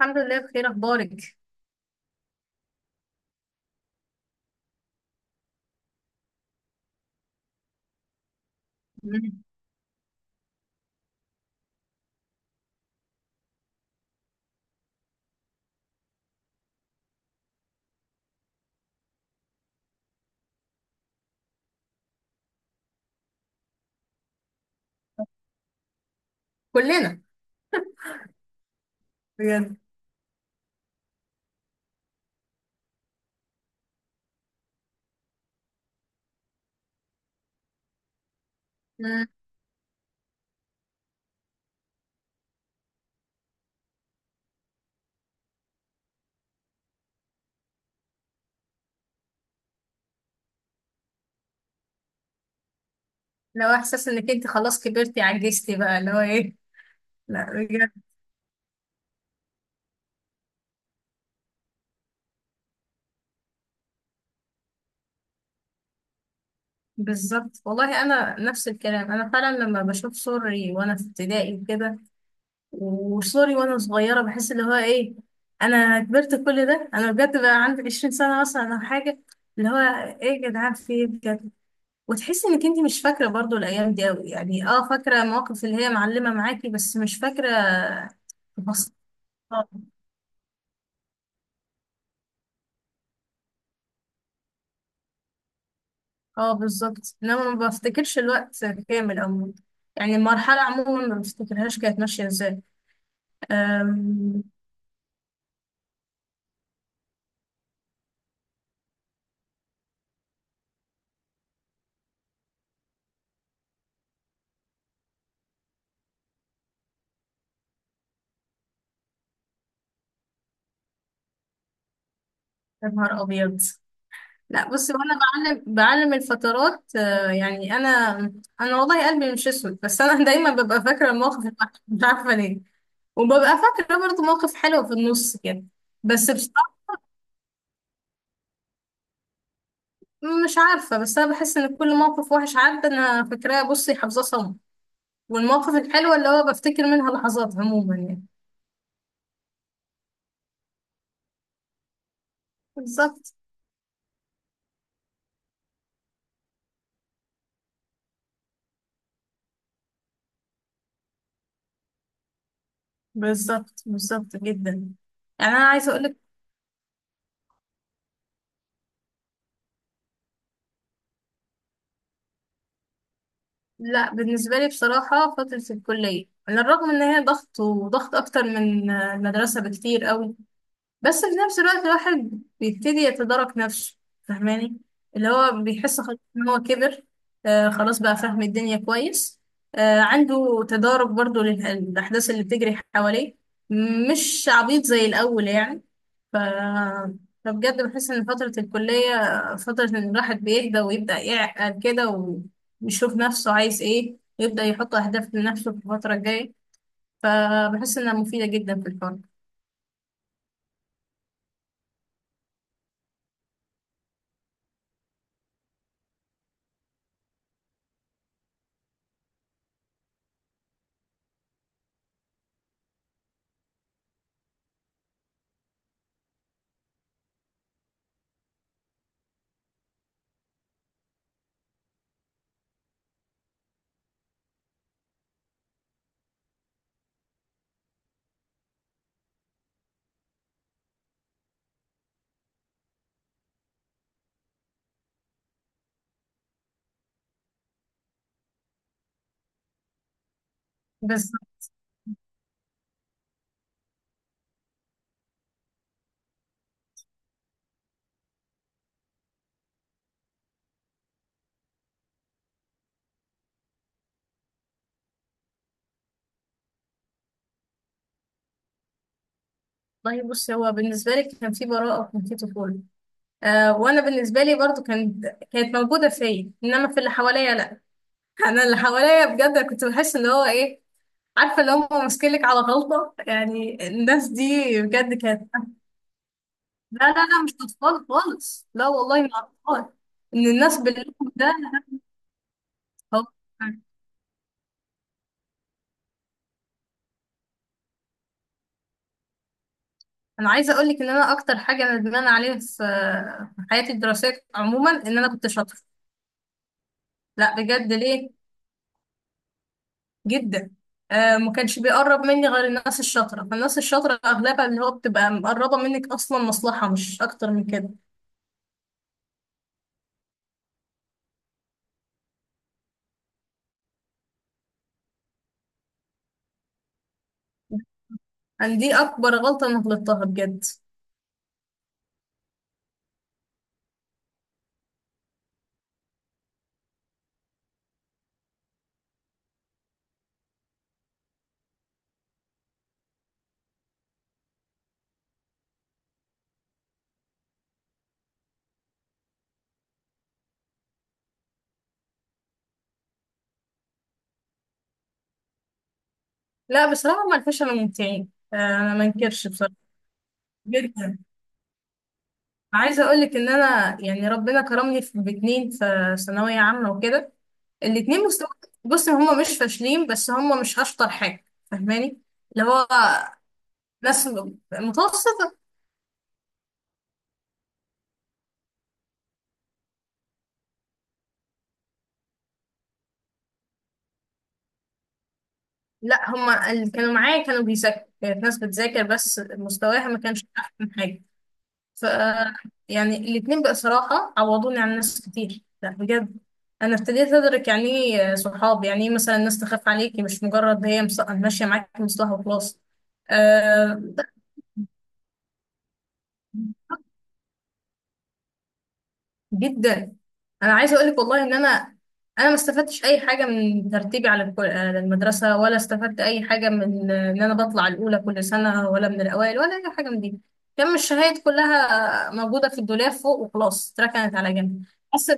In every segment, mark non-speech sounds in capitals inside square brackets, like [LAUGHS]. الحمد لله بخير، اخبارك؟ مم. كلنا. بجد. مم. لو احساس انك انت خلاص كبرتي عجزتي بقى اللي هو ايه. لا بجد. بالظبط والله انا نفس الكلام. انا فعلا لما بشوف صوري وانا في ابتدائي وكده وصوري وانا صغيره بحس اللي هو ايه. انا كبرت كل ده، انا بجد بقى عندي 20 سنه مثلا او حاجه. اللي هو ايه يا جدعان، في ايه بجد؟ وتحسي انك انت مش فاكره برضو الايام دي قوي، يعني اه فاكره المواقف اللي هي معلمه معاكي بس مش فاكره تفاصيل. اه بالظبط، انما ما بفتكرش الوقت كامل عموما. يعني المرحلة عموما ما بفتكرهاش كانت ماشية ازاي. أم، يا نهار ابيض. لا بصي، وانا بعلم بعلم الفترات، يعني انا والله قلبي مش اسود، بس انا [LAUGHS] دايما ببقى فاكرة المواقف الوحشة، مش عارفة ليه. وببقى فاكرة برضه مواقف حلوة في النص كده. بس بصراحة مش عارفة، بس أنا بحس إن كل موقف وحش عدى أنا فاكراه بصي، حافظاه صم. والمواقف الحلوة اللي هو بفتكر منها لحظات عموما يعني. بالظبط بالظبط جدا. يعني انا عايزه اقولك، لا بالنسبه لي بصراحه فتره الكليه على الرغم ان هي ضغط وضغط اكتر من المدرسه بكتير قوي، بس في نفس الوقت الواحد بيبتدي يتدارك نفسه، فاهماني؟ اللي هو بيحس خلاص ان هو كبر، آه خلاص بقى فاهم الدنيا كويس، آه عنده تدارك برضو للأحداث اللي بتجري حواليه، مش عبيط زي الأول يعني. ف... فبجد بحس إن فترة الكلية فترة إن الواحد بيهدى ويبدأ يعقل كده، ويشوف نفسه عايز إيه، ويبدأ يحط أهداف لنفسه في الفترة الجاية. فبحس إنها مفيدة جدا في الحوار. بس والله بص، هو بالنسبة لي كان في براءة وكان في طفولة، آه وأنا بالنسبة لي برضو كانت، كانت موجودة فيا، إنما في اللي حواليا لأ. [LAUGHS] أنا اللي حواليا بجد أنا كنت بحس إن هو إيه، عارفة اللي هم ماسكينك على غلطة يعني الناس دي. بجد كانت، لا لا لا مش أطفال خالص، لا والله مش أطفال، إن الناس باللون ده. هو أنا عايزة أقول لك إن أنا أكتر حاجة ندمانة عليها في في حياتي الدراسية عموما إن أنا كنت شاطرة. لا بجد، ليه؟ جدا. آه ما كانش بيقرب مني غير الناس الشاطره، فالناس الشاطره اغلبها اللي هو بتبقى مقربه منك اصلا مصلحه مش اكتر من كده. يعني دي اكبر غلطه انا غلطتها بجد. لا بصراحه ما عرفوش، انا ممتعين، انا ما انكرش بصراحه، جدا. عايزه اقول لك ان انا يعني ربنا كرمني في باتنين في ثانويه عامه وكده. الاتنين مستوى، بص هما مش فاشلين، بس هما مش اشطر حاجه، فاهماني؟ اللي هو ناس متوسط. لا هما اللي كانوا معايا كانوا بيذاكروا، كانت ناس بتذاكر بس مستواها ما كانش أحسن حاجة. ف يعني الاتنين بقى صراحة عوضوني عن ناس كتير. لا بجد، أنا ابتديت أدرك يعني إيه صحاب، يعني إيه مثلا الناس تخاف عليكي، مش مجرد هي ماشية معاكي مصلحة وخلاص. آه، جدا. انا عايزه اقول لك والله ان انا انا ما استفدتش اي حاجه من ترتيبي على على المدرسه، ولا استفدت اي حاجه من ان انا بطلع الاولى كل سنه، ولا من الاوائل، ولا اي حاجه من دي. كان الشهايد كلها موجوده في الدولاب فوق وخلاص، اتركنت على جنب. بس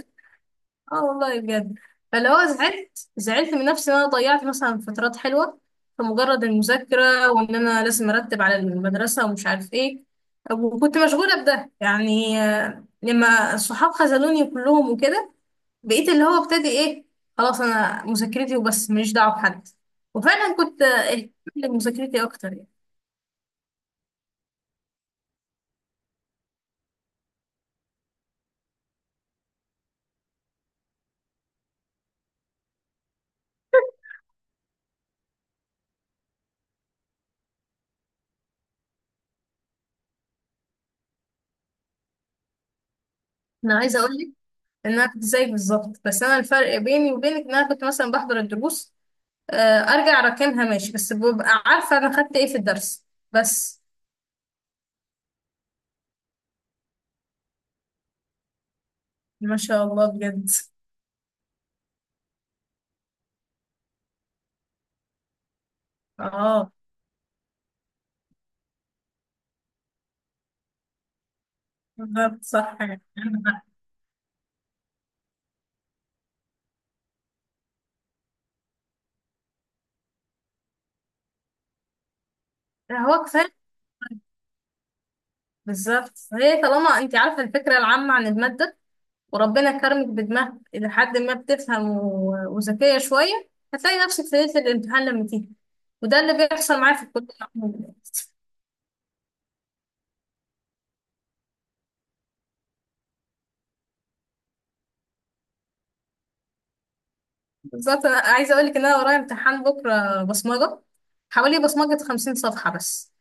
اه والله بجد، فاللي هو زعلت زعلت من نفسي ان انا ضيعت مثلا فترات حلوه في مجرد المذاكره، وان انا لازم ارتب على المدرسه ومش عارف ايه، وكنت مشغوله بده يعني. لما الصحاب خذلوني كلهم وكده، بقيت اللي هو ابتدي ايه، خلاص انا مذاكرتي وبس، ماليش دعوه بحد. وفعلا كنت، اهتمت بمذاكرتي اكتر يعني. انا عايزه اقول لك ان انا كنت زيك بالظبط، بس انا الفرق بيني وبينك ان انا كنت مثلا بحضر الدروس، آه، ارجع راكنها ماشي، بس ببقى عارفه انا خدت ايه في الدرس. بس ما شاء الله بجد. اه بالظبط صح يعني. هو كفايه، بالظبط هي طالما انت عارفه الفكره العامه عن الماده وربنا كرمك بدماغ الى حد ما بتفهم وذكيه شويه، هتلاقي نفسك في ليله الامتحان لما تيجي. وده اللي بيحصل معايا في الكليه عموماً. بالظبط، انا عايزه اقول لك ان انا ورايا امتحان بكره بصمجه، حوالي بصمجه 50 صفحه بس.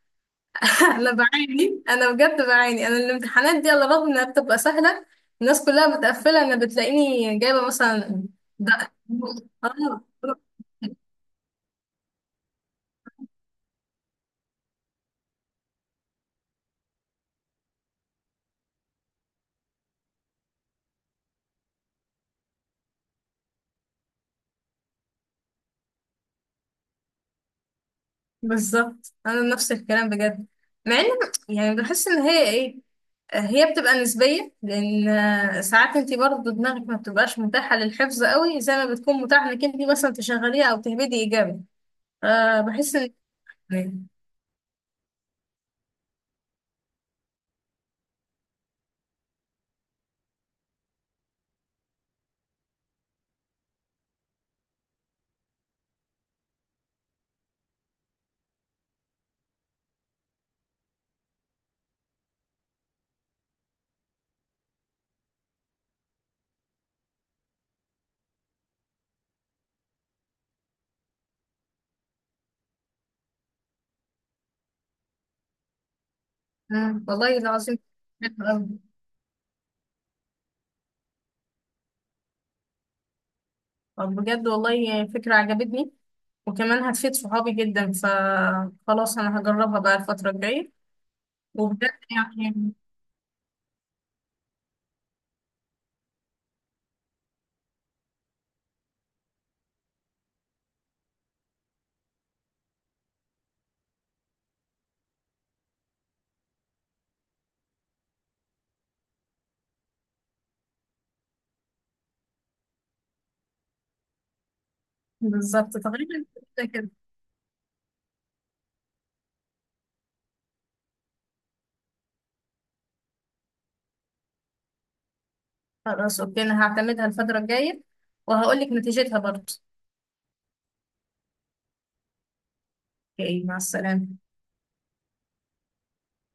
انا بعاني، انا بجد بعاني، انا الامتحانات دي على الرغم انها بتبقى سهله الناس كلها متقفله انا بتلاقيني جايبه مثلا ده. آه، بالظبط انا نفس الكلام بجد. مع ان يعني بحس ان هي ايه، هي بتبقى نسبيه لان ساعات انت برضه دماغك ما بتبقاش متاحه للحفظ قوي زي ما بتكون متاحه انك انت مثلا تشغليها او تهبدي ايجابي. فبحس ان والله العظيم. حلو أوي. طب بجد والله فكرة عجبتني، وكمان هتفيد صحابي جدا، فخلاص انا هجربها بقى الفترة الجاية. وبجد يعني، بالظبط تقريبا كده كده. خلاص اوكي، انا هعتمدها الفترة الجاية وهقولك نتيجتها برضه. اوكي، مع السلامة.